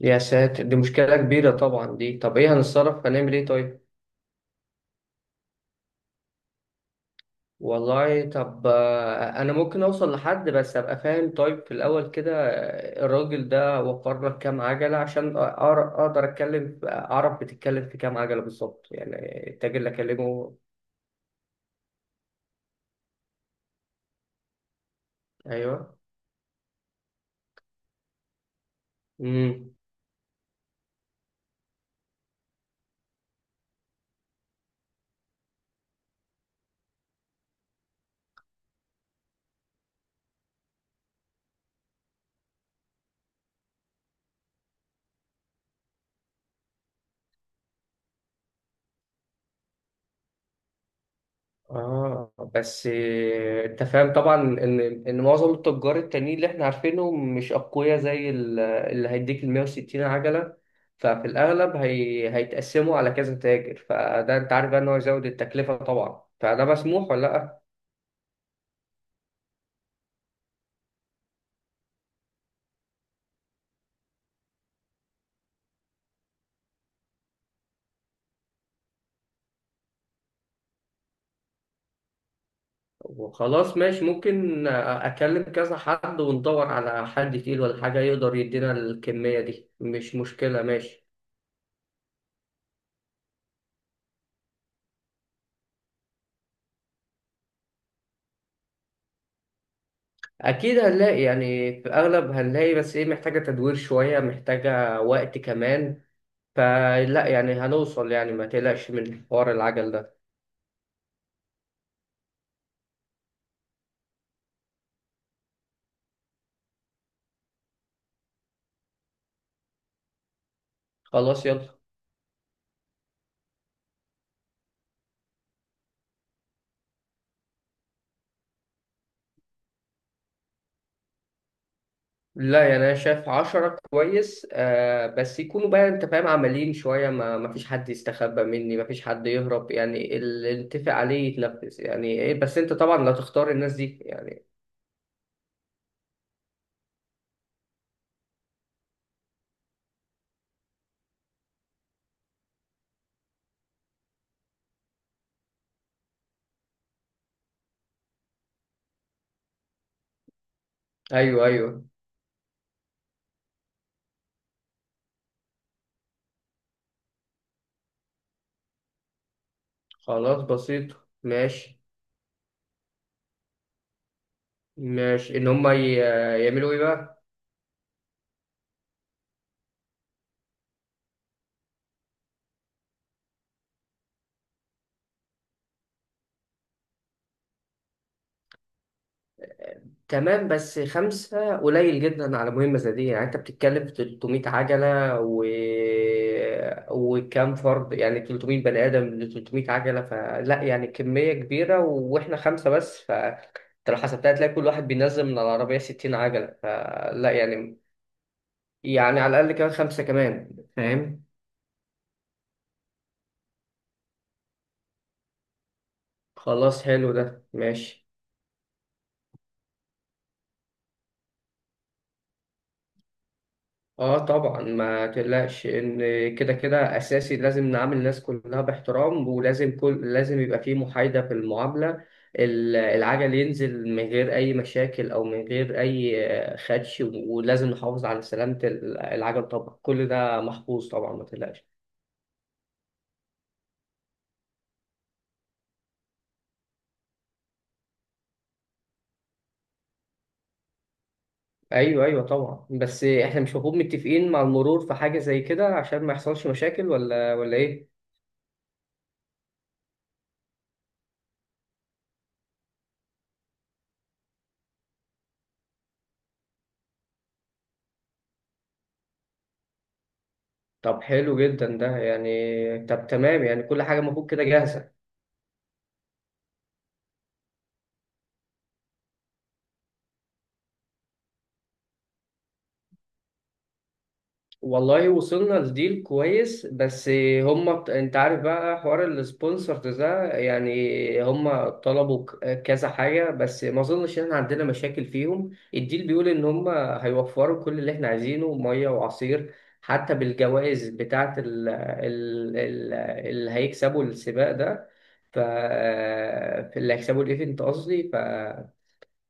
يا ساتر، دي مشكلة كبيرة طبعا دي. طب ايه هنتصرف؟ هنعمل ايه طيب؟ والله طب، انا ممكن اوصل لحد، بس ابقى فاهم طيب في الاول كده. الراجل ده وفر لك كام عجلة؟ عشان اقدر اتكلم، اعرف بتتكلم في كام عجلة بالظبط يعني، التاجر اللي اكلمه. ايوه. امم اه بس، انت فاهم طبعا ان معظم التجار التانيين اللي احنا عارفينهم مش اقوياء زي اللي هيديك ال 160 عجله، ففي الاغلب هيتقسموا على كذا تاجر. فده، انت عارف بقى ان هو يزود التكلفه طبعا، فده مسموح ولا لا؟ وخلاص ماشي، ممكن اكلم كذا حد وندور على حد تقيل ولا حاجه يقدر يدينا الكميه دي، مش مشكله، ماشي. اكيد هنلاقي يعني، في اغلب هنلاقي، بس ايه، محتاجه تدوير شويه، محتاجه وقت كمان. فلا يعني هنوصل يعني، ما تقلقش من حوار العجل ده. خلاص يلا. لا، يعني انا شايف 10 كويس بس يكونوا بقى، انت فاهم، عمليين شوية. ما فيش حد يستخبى مني، ما فيش حد يهرب. يعني اللي نتفق عليه يتنفذ يعني ايه، بس انت طبعا لا تختار الناس دي يعني. ايوه، ايوه. خلاص بسيط. ماشي. ماشي، ان هم يعملوا ايه بقى؟ تمام، بس خمسة قليل جدا على مهمة زي دي. يعني انت بتتكلم في 300 عجلة و... وكام فرد، يعني 300 بني آدم ل 300 عجلة، فلا يعني كمية كبيرة و... واحنا خمسة بس. فانت لو حسبتها هتلاقي كل واحد بينزل من العربية 60 عجلة، فلا يعني. يعني على الأقل كمان خمسة كمان، فاهم؟ خلاص حلو ده ماشي. اه طبعا ما تقلقش، ان كده كده اساسي لازم نعامل الناس كلها باحترام، ولازم كل لازم يبقى في محايدة في المعاملة. العجل ينزل من غير اي مشاكل او من غير اي خدش، ولازم نحافظ على سلامة العجل طبعا. كل ده محفوظ طبعا، ما تقلقش. ايوه، ايوه طبعا، بس احنا مش المفروض متفقين مع المرور في حاجة زي كده عشان ما يحصلش مشاكل، ولا ايه؟ طب حلو جدا ده يعني. طب تمام يعني، كل حاجة المفروض كده جاهزة. والله وصلنا لديل كويس بس. هم انت عارف بقى حوار السبونسرز ده، يعني هم طلبوا كذا حاجة، بس ما اظنش ان احنا عندنا مشاكل فيهم. الديل بيقول ان هم هيوفروا كل اللي احنا عايزينه، مية وعصير. حتى بالجوائز بتاعة ال اللي هيكسبوا السباق ده، ف اللي هيكسبوا الايفنت قصدي،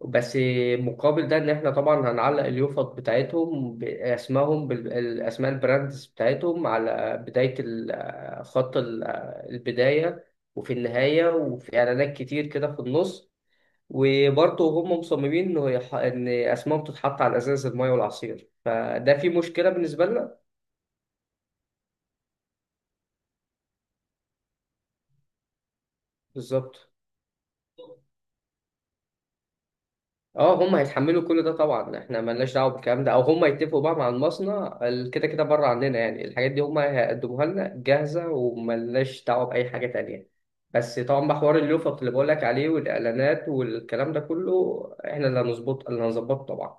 بس. مقابل ده ان احنا طبعا هنعلق اليوفط بتاعتهم بالاسماء، البراندز بتاعتهم، على بداية خط البداية، وفي النهاية، وفي اعلانات كتير كده في النص. وبرضه هم مصممين انه ان اسمائهم تتحط على ازاز المايه والعصير، فده في مشكلة بالنسبة لنا. بالظبط. اه هم هيتحملوا كل ده طبعا، احنا ملناش دعوه بالكلام ده، او هم يتفقوا بقى مع المصنع، كده كده بره عننا. يعني الحاجات دي هم هيقدموها لنا جاهزه، وملناش دعوه باي حاجه تانية. بس طبعا بقى، حوار اللوفت اللي بقول لك عليه والاعلانات والكلام ده كله احنا اللي هنظبطه طبعا.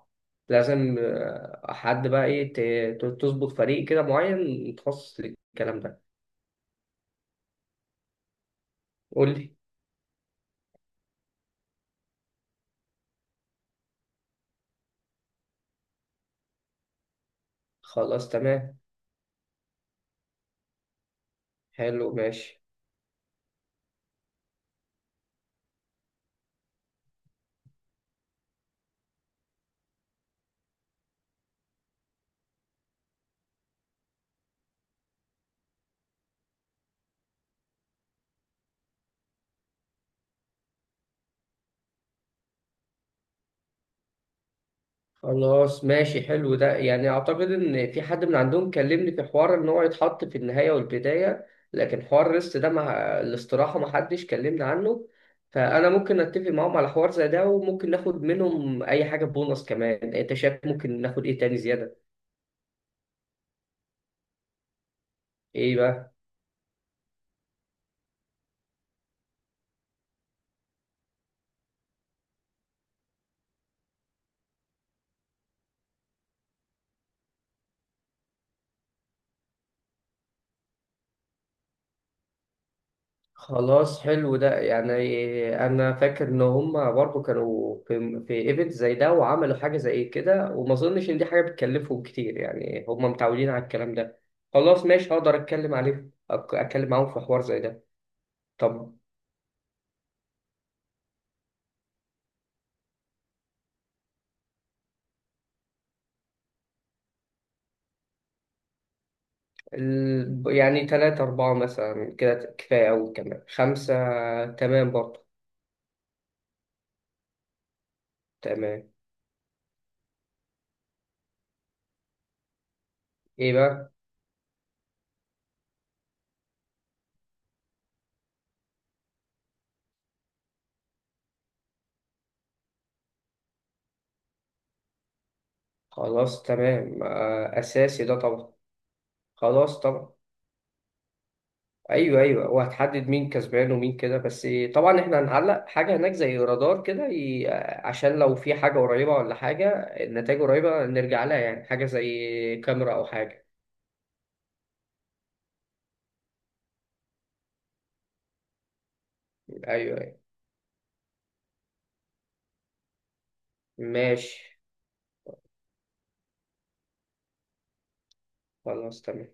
لازم حد بقى ايه تظبط فريق كده معين متخصص للكلام ده. قول لي. خلاص تمام. حلو، ماشي. خلاص ماشي حلو ده، يعني اعتقد ان في حد من عندهم كلمني في حوار ان هو يتحط في النهاية والبداية، لكن حوار الريست ده، مع الاستراحة، ما حدش كلمني عنه. فانا ممكن اتفق معاهم على حوار زي ده، وممكن ناخد منهم اي حاجة بونص كمان. انت شايف ممكن ناخد ايه تاني زيادة؟ ايه بقى؟ خلاص حلو ده يعني، انا فاكر ان هما برضو كانوا في ايفنت زي ده وعملوا حاجه زي كده، وما اظنش ان دي حاجه بتكلفهم كتير. يعني هما متعودين على الكلام ده. خلاص ماشي، هقدر اتكلم عليه. اتكلم معاهم في حوار زي ده. طب يعني تلاتة، أربعة مثلا كده كفاية أوي، كمان خمسة تمام برضو. تمام. إيه بقى؟ خلاص تمام، أساسي ده طبعا. خلاص طبعا. ايوه، ايوه، وهتحدد مين كسبان ومين كده بس. طبعا احنا هنعلق حاجه هناك زي رادار كده عشان لو في حاجه قريبه ولا حاجه، النتائج قريبه نرجع لها. يعني حاجه زي كاميرا او حاجه. ايوه، ايوه، ماشي. خلاص تمام.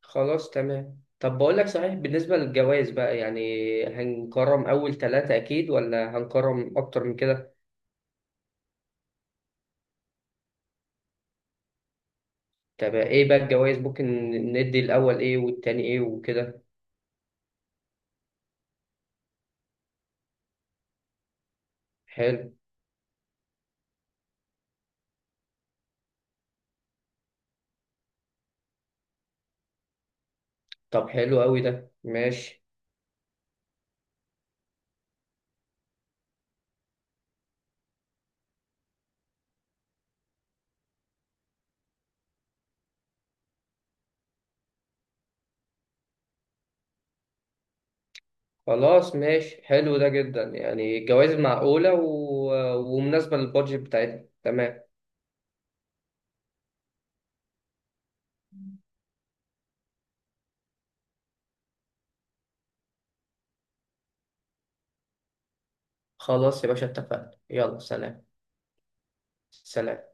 خلاص تمام. طب بقول لك صحيح، بالنسبه للجوائز بقى يعني، هنكرم اول ثلاثه اكيد، ولا هنكرم اكتر من كده؟ طب ايه بقى الجوائز؟ ممكن ندي الاول ايه والتاني ايه وكده. حلو. طب حلو قوي ده، ماشي. خلاص ماشي، حلو ده جدا يعني، الجوائز معقولة و... ومناسبة للبادجت بتاعتنا، تمام. خلاص يا باشا اتفقنا، يلا سلام. سلام.